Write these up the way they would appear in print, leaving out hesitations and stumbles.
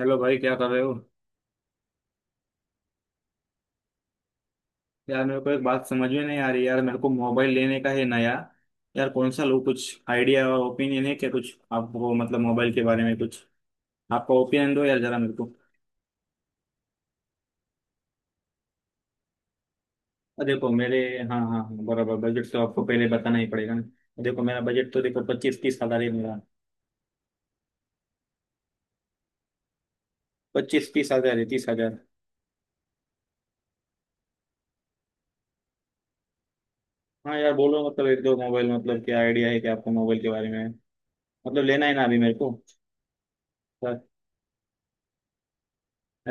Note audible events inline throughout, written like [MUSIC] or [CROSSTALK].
Hello भाई, क्या कर रहे हो? यार, मेरे को एक बात समझ में नहीं आ रही। यार, मेरे को मोबाइल लेने का है नया। यार, कौन सा लो? कुछ आइडिया और ओपिनियन है क्या? कुछ आपको मतलब मोबाइल के बारे में कुछ आपका ओपिनियन दो यार जरा मेरे को। देखो मेरे हाँ हाँ हाँ, बराबर बजट तो आपको पहले बताना ही पड़ेगा ना। देखो, मेरा बजट तो देखो 25-30 हजार है मेरा। 25-30 हजार है, 30 हजार। हाँ यार, बोलो मतलब एक दो मोबाइल, मतलब क्या आइडिया है क्या आपको मोबाइल के बारे में? मतलब लेना है ना अभी मेरे को।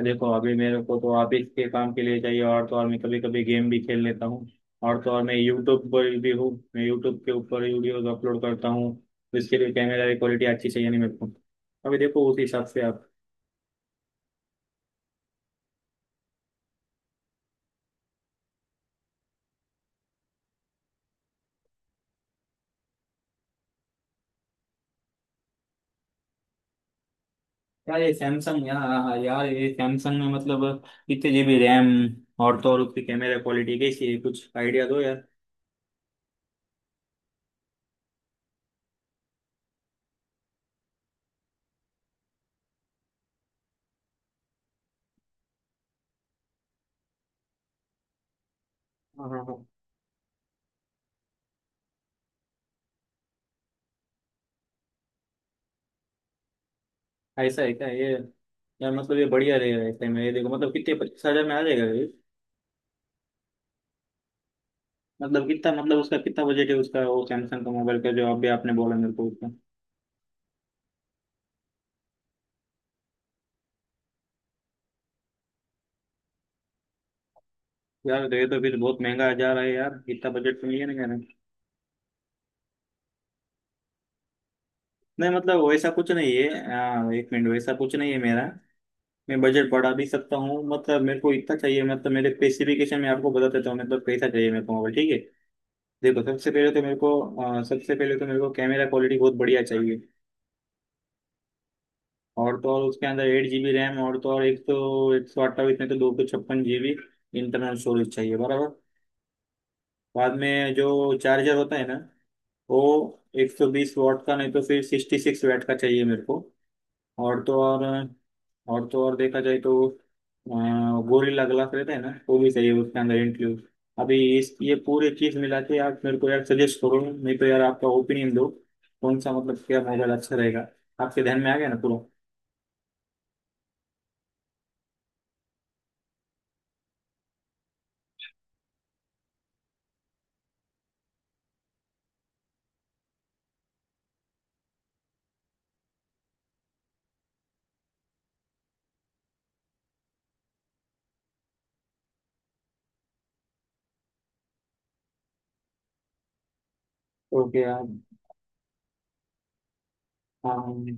देखो, अभी मेरे को तो ऑफिस के काम के लिए चाहिए और तो और मैं कभी कभी गेम भी खेल लेता हूँ और तो और मैं यूट्यूब पर भी हूँ। मैं यूट्यूब के ऊपर वीडियोज अपलोड करता हूँ। तो इसके लिए कैमरा की क्वालिटी अच्छी चाहिए नहीं मेरे को। अभी देखो उस हिसाब से आप। यार ये सैमसंग, यार हाँ, यार ये सैमसंग में मतलब कितने जीबी रैम? और तो और उसकी कैमरा क्वालिटी कैसी है? कुछ आइडिया दो यार। हाँ हाँ हाँ। ऐसा है क्या ये? यार मतलब ये बढ़िया रहेगा ऐसे में ये, देखो मतलब कितने, 25 हजार में आ जाएगा? मतलब कितना, मतलब उसका कितना बजट है उसका, वो सैमसंग का मोबाइल का जो अभी आपने बोला मेरे को उसका? यार तो ये तो फिर बहुत महंगा जा रहा है यार, इतना बजट तो नहीं है ना कहना। नहीं मतलब वैसा कुछ नहीं है। हाँ, एक मिनट, वैसा कुछ नहीं है मेरा। मैं बजट बढ़ा भी सकता हूँ, मतलब मेरे को इतना चाहिए। मतलब मेरे स्पेसिफिकेशन मैं आपको बता देता हूँ मतलब कैसा चाहिए मेरे को मोबाइल, ठीक है? देखो, सबसे पहले तो मेरे को, सबसे पहले तो मेरे को कैमरा क्वालिटी बहुत बढ़िया चाहिए। और तो और उसके अंदर 8 जीबी रैम, और तो और एक सौ अट्ठाईस में तो 256 जीबी इंटरनल स्टोरेज चाहिए बराबर। बाद में जो चार्जर होता है ना, वो 120 वॉट का, नहीं तो फिर 66 वॉट का चाहिए मेरे को। और तो और और तो और, देखा जाए तो गोरिल्ला ग्लास रहता है ना, वो भी चाहिए उसके अंदर इंक्लूड। अभी इस ये पूरी चीज मिला के आप मेरे को यार सजेस्ट करो, नहीं तो यार आपका ओपिनियन दो। कौन सा मतलब क्या मोबाइल अच्छा रहेगा? आपके ध्यान में आ गया ना पूरा? ओके यार। हाँ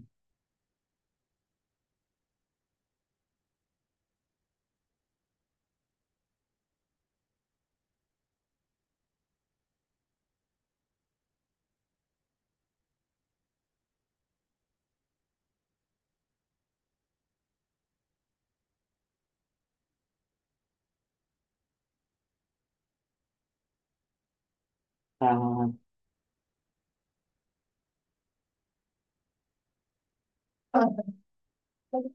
हाँ हाँ। हाँ हाँ।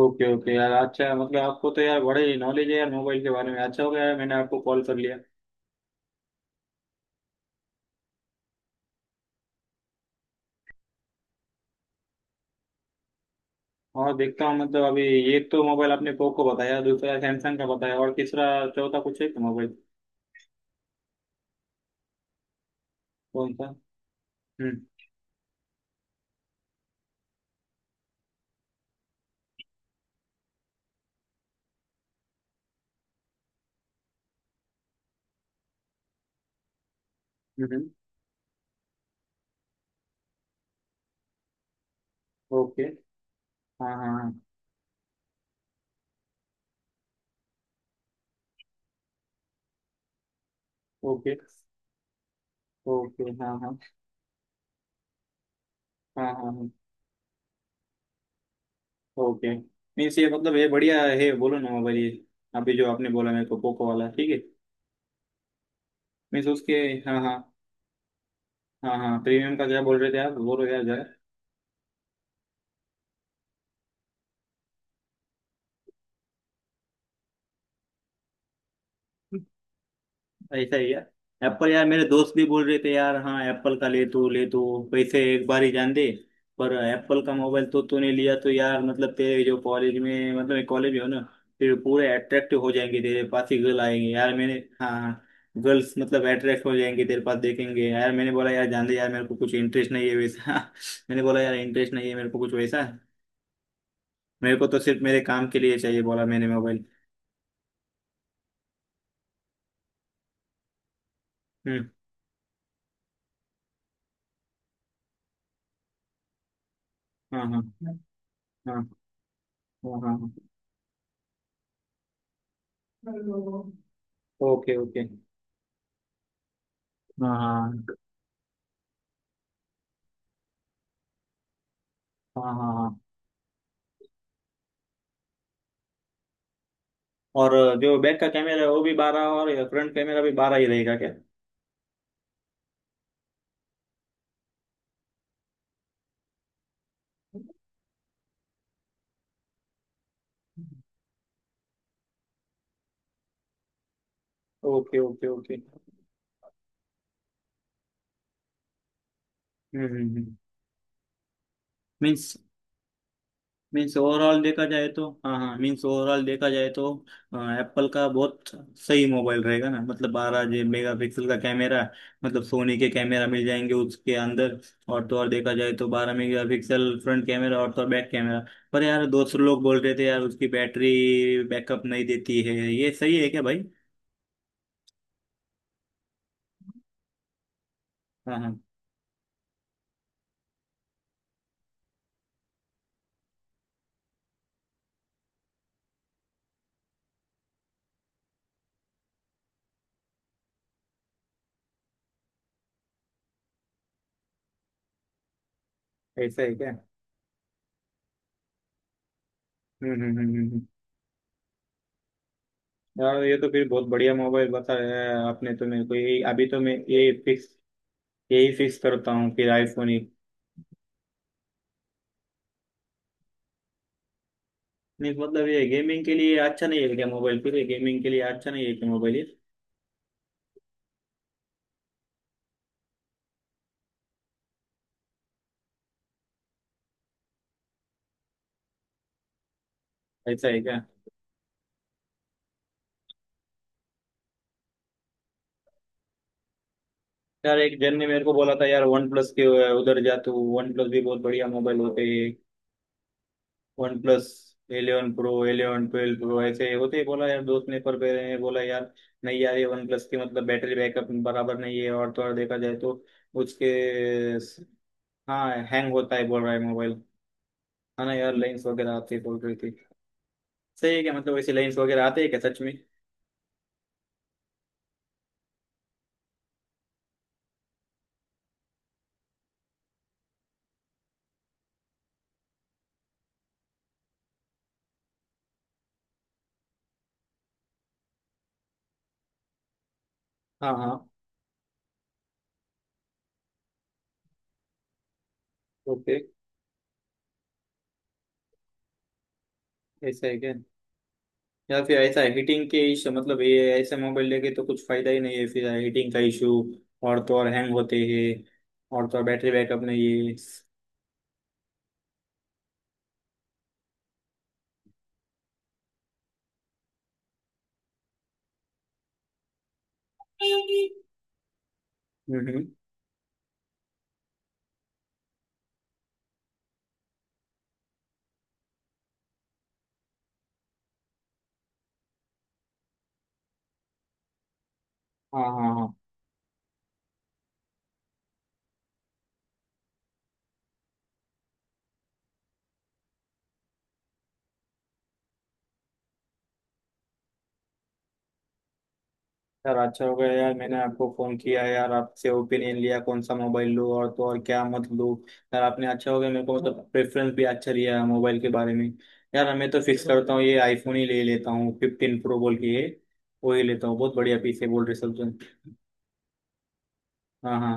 ओके ओके यार, अच्छा है। मतलब आपको तो यार बड़े ही नॉलेज है यार मोबाइल के बारे में। अच्छा हो गया यार मैंने आपको कॉल कर लिया, और देखता हूँ मतलब अभी। एक तो मोबाइल आपने पोको बताया, दूसरा सैमसंग का बताया, और तीसरा चौथा कुछ है क्या मोबाइल? कौन सा? हम्म। हम्म हम्म। ओके। हाँ हाँ हाँ। ओके ओके, हाँ हाँ। हाँ हाँ हाँ। ओके। मीन्स ये, मतलब ये बढ़िया है बोलो ना मोबाइल ये? अभी जो आपने बोला मेरे को पोको वाला ठीक है। मीन्स उसके, हाँ हाँ। हाँ हाँ, प्रीमियम का क्या बोल रहे थे आप, बोलो यार जरा। ऐसा ही है? एप्पल, यार मेरे दोस्त भी बोल रहे थे यार, हाँ एप्पल का ले तो, ले तो, पैसे एक बार ही जान दे। पर एप्पल का मोबाइल तो तूने लिया तो यार, मतलब तेरे जो कॉलेज में मतलब कॉलेज में हो ना, फिर पूरे अट्रैक्टिव हो जाएंगे तेरे पास ही गर्ल आएंगे यार, मैंने। हाँ, गर्ल्स मतलब अट्रैक्ट हो जाएंगे तेरे पास देखेंगे यार, मैंने बोला यार जान दे यार, मेरे को कुछ इंटरेस्ट नहीं है वैसा। [LAUGHS] मैंने बोला यार इंटरेस्ट नहीं है मेरे को कुछ वैसा। मेरे को तो सिर्फ मेरे काम के लिए चाहिए, बोला मैंने मोबाइल। हम्म। हाँ हाँ हाँ। हाँ हाँ हाँ। Okay okay. हाँ हाँ हाँ हाँ हाँ। और जो बैक का कैमरा है वो भी बारह और फ्रंट कैमरा भी बारह ही रहेगा क्या? Okay okay okay. हम्म। मीन्स मीन्स ओवरऑल देखा जाए तो, हाँ हाँ, मीन्स ओवरऑल देखा जाए तो एप्पल का बहुत सही मोबाइल रहेगा ना? मतलब बारह जी मेगा पिक्सल का कैमरा, मतलब सोनी के कैमरा मिल जाएंगे उसके अंदर। और तो और देखा जाए तो 12 मेगा पिक्सल फ्रंट कैमरा और तो और बैक कैमरा। पर यार दोस्त लोग बोल रहे थे यार उसकी बैटरी बैकअप नहीं देती है, ये सही है क्या भाई? हाँ हाँ। ऐसा है क्या? हम्म हम्म हम्म हम्म, हम्म। यार ये तो फिर बहुत बढ़िया मोबाइल बताया है आपने तो मेरे को, यही अभी तो मैं यही फिक्स, यही फिक्स करता हूँ फिर आईफोन ही। नहीं मतलब, ये गेमिंग के लिए अच्छा नहीं है क्या मोबाइल? फिर ये गेमिंग के लिए अच्छा नहीं है क्या मोबाइल ये? ऐसा है क्या? यार एक जन ने मेरे को बोला था यार वन प्लस के उधर जा तू, वन प्लस भी बहुत बढ़िया मोबाइल होते हैं। वन प्लस 11 प्रो, 11 12 प्रो ऐसे होते ही, बोला यार दोस्त ने। पर पहले ने बोला यार, नहीं यार ये वन प्लस की मतलब बैटरी बैकअप बराबर नहीं है और थोड़ा देखा जाए तो उसके, हाँ हैंग होता है बोल रहा है मोबाइल, है ना यार, लाइन्स वगैरह आती है बोल रही थी। सही है क्या मतलब, वैसे लाइन्स वगैरह आते हैं क्या सच में? हाँ हाँ। ओके। ऐसा है क्या? या फिर ऐसा हीटिंग के इश्यू, मतलब ये ऐसे मोबाइल लेके तो कुछ फायदा ही नहीं है फिर, हीटिंग का इशू और तो और हैंग होते हैं और तो और बैटरी बैकअप नहीं है। हम्म। हाँ हाँ हाँ। यार अच्छा हो गया यार मैंने आपको फोन किया यार, आपसे ओपिनियन लिया कौन सा मोबाइल लूँ और तो और क्या मत लूँ। यार आपने अच्छा हो गया मेरे को, मतलब प्रेफरेंस भी अच्छा लिया मोबाइल के बारे में। यार मैं तो फिक्स करता हूँ ये, आईफोन ही ले लेता हूँ 15 प्रो बोल के ये, वही लेता हूँ। बहुत बढ़िया पीस है बोल रहे सब जन। हाँ हाँ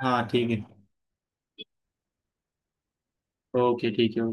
हाँ। ठीक है, ओके ठीक है।